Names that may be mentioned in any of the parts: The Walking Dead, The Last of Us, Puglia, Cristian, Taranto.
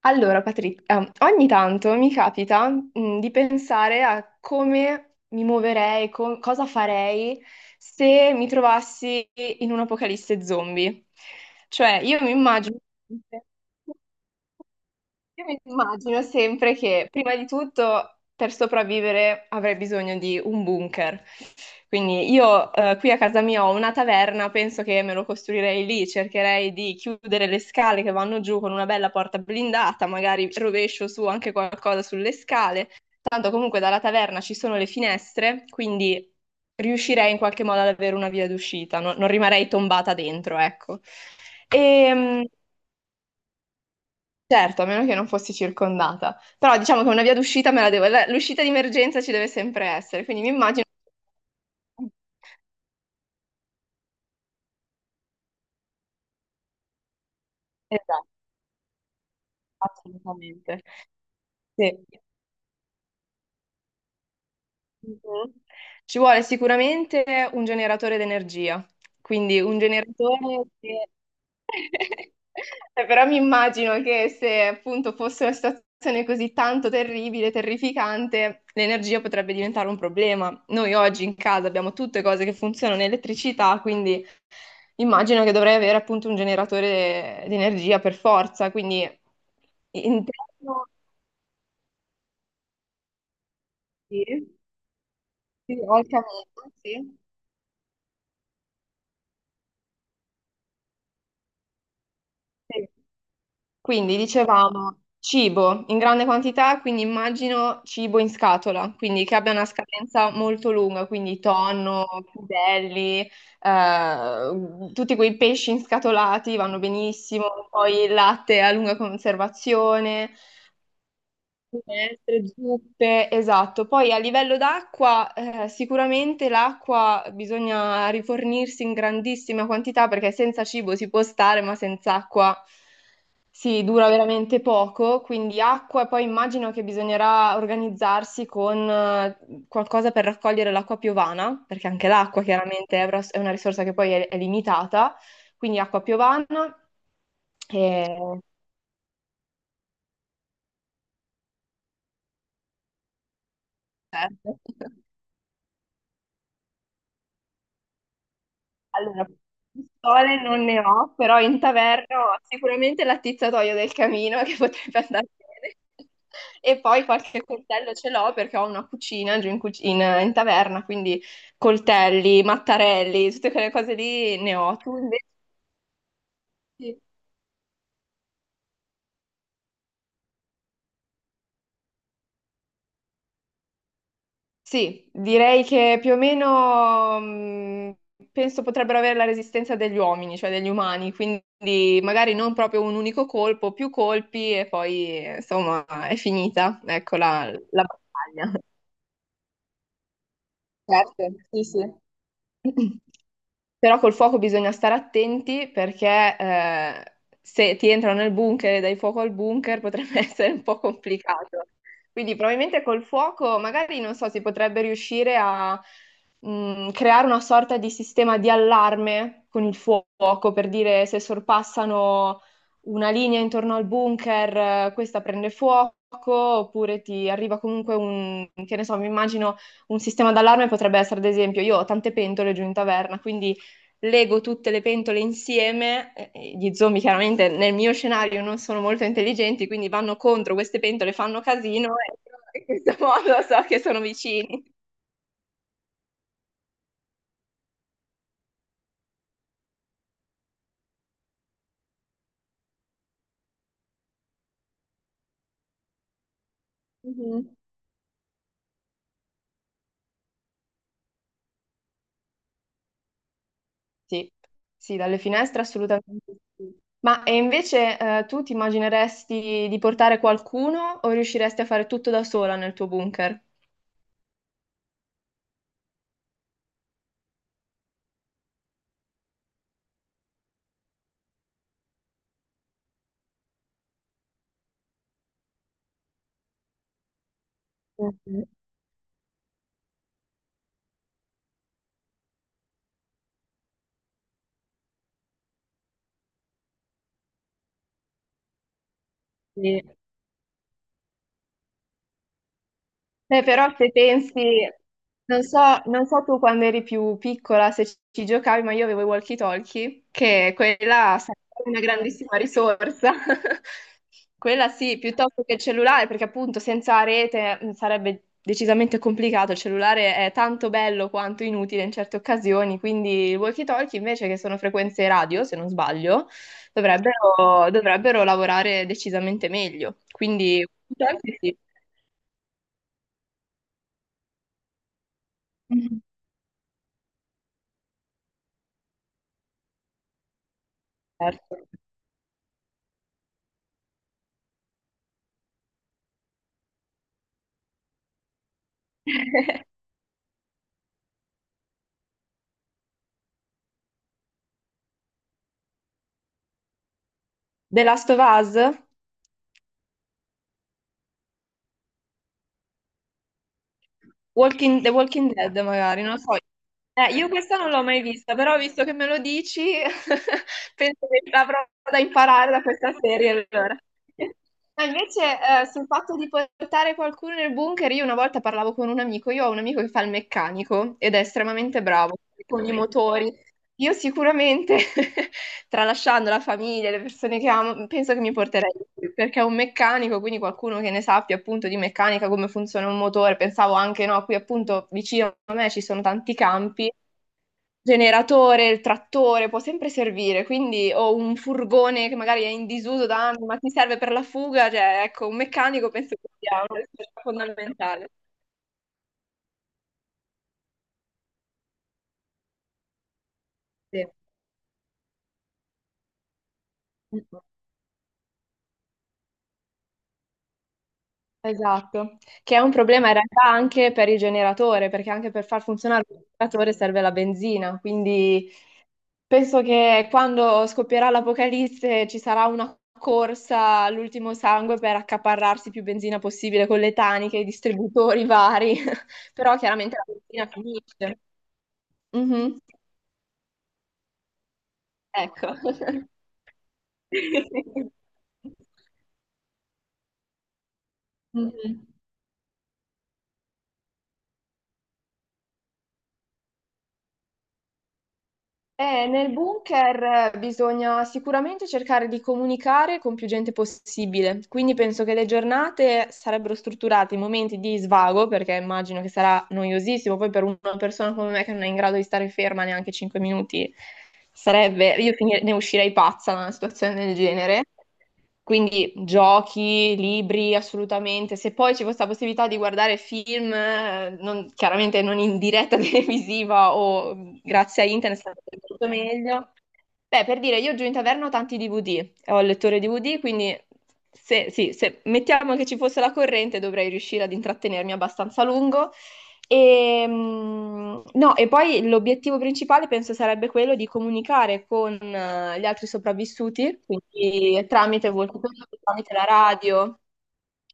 Allora, Patrizia, ogni tanto mi capita, di pensare a come mi muoverei, cosa farei se mi trovassi in un'apocalisse zombie. Cioè, io mi immagino... Io mi immagino sempre che prima di tutto per sopravvivere avrei bisogno di un bunker. Quindi io qui a casa mia ho una taverna, penso che me lo costruirei lì, cercherei di chiudere le scale che vanno giù con una bella porta blindata, magari rovescio su anche qualcosa sulle scale. Tanto comunque dalla taverna ci sono le finestre, quindi riuscirei in qualche modo ad avere una via d'uscita, non rimarei tombata dentro, ecco. Ehm, Certo, a meno che non fossi circondata. Però diciamo che una via d'uscita me la devo... L'uscita di emergenza ci deve sempre essere, quindi mi immagino... Esatto, assolutamente. Sì. Mhm. Ci vuole sicuramente un generatore d'energia, quindi un generatore che... Però mi immagino che se appunto fosse una situazione così tanto terribile, terrificante, l'energia potrebbe diventare un problema. Noi oggi in casa abbiamo tutte cose che funzionano in elettricità, quindi... Immagino che dovrei avere appunto un generatore di energia per forza, quindi interno sì, sì, ho il camino, sì. Sì. Quindi dicevamo cibo in grande quantità, quindi immagino cibo in scatola, quindi che abbia una scadenza molto lunga, quindi tonno, crudelli, tutti quei pesci inscatolati vanno benissimo, poi il latte a lunga conservazione. Minestre, zuppe, esatto. Poi a livello d'acqua, sicuramente l'acqua bisogna rifornirsi in grandissima quantità perché senza cibo si può stare, ma senza acqua si dura veramente poco. Quindi acqua, e poi immagino che bisognerà organizzarsi con qualcosa per raccogliere l'acqua piovana, perché anche l'acqua chiaramente è una risorsa che poi è limitata. Quindi acqua piovana e... Certo. Allora, pistole non ne ho, però in taverna ho sicuramente l'attizzatoio del camino che potrebbe andare bene. E poi qualche coltello ce l'ho perché ho una cucina giù in, in taverna, quindi coltelli, mattarelli, tutte quelle cose lì ne ho. Tu invece? Sì, direi che più o meno penso potrebbero avere la resistenza degli uomini, cioè degli umani, quindi magari non proprio un unico colpo, più colpi e poi insomma è finita, ecco la, la battaglia. Certo, sì, sì. Però col fuoco bisogna stare attenti perché se ti entrano nel bunker e dai fuoco al bunker potrebbe essere un po' complicato. Quindi probabilmente col fuoco magari non so, si potrebbe riuscire a creare una sorta di sistema di allarme con il fuoco per dire se sorpassano una linea intorno al bunker, questa prende fuoco oppure ti arriva comunque un, che ne so, mi immagino un sistema d'allarme potrebbe essere, ad esempio, io ho tante pentole giù in taverna, quindi lego tutte le pentole insieme. Gli zombie chiaramente nel mio scenario non sono molto intelligenti, quindi vanno contro queste pentole, fanno casino e io in questo modo so che sono vicini. Mhm. Sì, sì, dalle finestre assolutamente sì. Ma e invece tu ti immagineresti di portare qualcuno o riusciresti a fare tutto da sola nel tuo bunker? Mhm. Sì. Beh, però se pensi, non so, non so tu quando eri più piccola se ci giocavi, ma io avevo i walkie-talkie, che quella sarebbe una grandissima risorsa. Quella sì, piuttosto che il cellulare, perché appunto senza rete sarebbe decisamente complicato. Il cellulare è tanto bello quanto inutile in certe occasioni, quindi i walkie-talkie invece che sono frequenze radio, se non sbaglio, dovrebbero lavorare decisamente meglio. Quindi, walkie-talkie sì. Mhm. Certo. The Last of Us? Walking, The Walking Dead, magari, non lo so. Io questa non l'ho mai vista, però visto che me lo dici, penso che avrò da imparare da questa serie allora. Ma invece, sul fatto di portare qualcuno nel bunker, io una volta parlavo con un amico, io ho un amico che fa il meccanico ed è estremamente bravo con i motori. Io sicuramente, tralasciando la famiglia, le persone che amo, penso che mi porterei lui, perché è un meccanico, quindi qualcuno che ne sappia appunto di meccanica, come funziona un motore. Pensavo anche, no, qui appunto vicino a me ci sono tanti campi generatore, il trattore può sempre servire, quindi o un furgone che magari è in disuso da anni, ma ti serve per la fuga, cioè ecco, un meccanico penso che sia una risorsa fondamentale. Sì. Mm. Esatto, che è un problema in realtà anche per il generatore, perché anche per far funzionare il generatore serve la benzina, quindi penso che quando scoppierà l'apocalisse ci sarà una corsa all'ultimo sangue per accaparrarsi più benzina possibile con le taniche, i distributori vari, però chiaramente la benzina finisce. Mhm. Ecco. Mhm. Nel bunker bisogna sicuramente cercare di comunicare con più gente possibile, quindi penso che le giornate sarebbero strutturate in momenti di svago, perché immagino che sarà noiosissimo, poi per una persona come me che non è in grado di stare ferma neanche 5 minuti, sarebbe, ne uscirei pazza da una situazione del genere. Quindi giochi, libri, assolutamente. Se poi ci fosse la possibilità di guardare film, chiaramente non in diretta televisiva o grazie a internet, sarebbe molto meglio. Beh, per dire, io giù in taverna ho tanti DVD, ho il lettore DVD, quindi se, sì, se mettiamo che ci fosse la corrente dovrei riuscire ad intrattenermi abbastanza a lungo. E, no, e poi l'obiettivo principale penso sarebbe quello di comunicare con gli altri sopravvissuti, quindi tramite voltatoio, tramite la radio,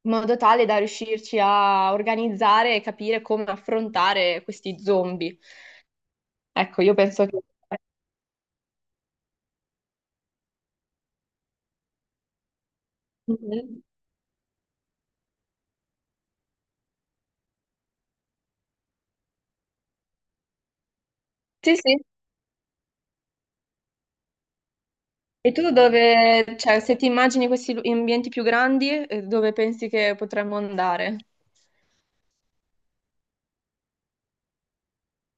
in modo tale da riuscirci a organizzare e capire come affrontare questi zombie. Ecco, io penso che... Mhm. Sì, sì. E tu dove, cioè, se ti immagini questi ambienti più grandi, dove pensi che potremmo andare?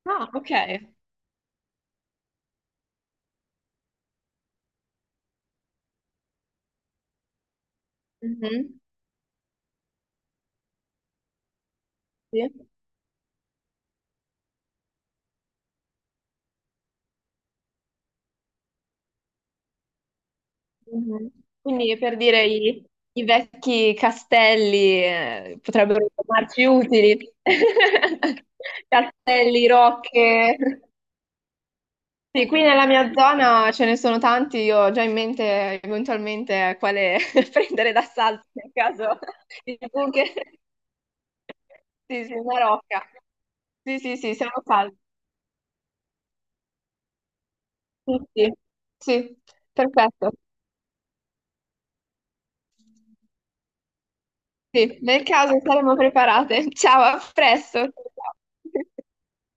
Ah, ok. Mhm. Sì. Mhm. Quindi per dire i, i vecchi castelli potrebbero tornarci utili. Castelli, rocche. Sì, qui nella mia zona ce ne sono tanti, io ho già in mente eventualmente quale prendere d'assalto nel caso il bunker. Sì, sì, una rocca. Sì, sì, sì, siamo salvi. Sì, sì, sì, perfetto. Sì, nel caso saremo preparate. Ciao, a presto. Ciao.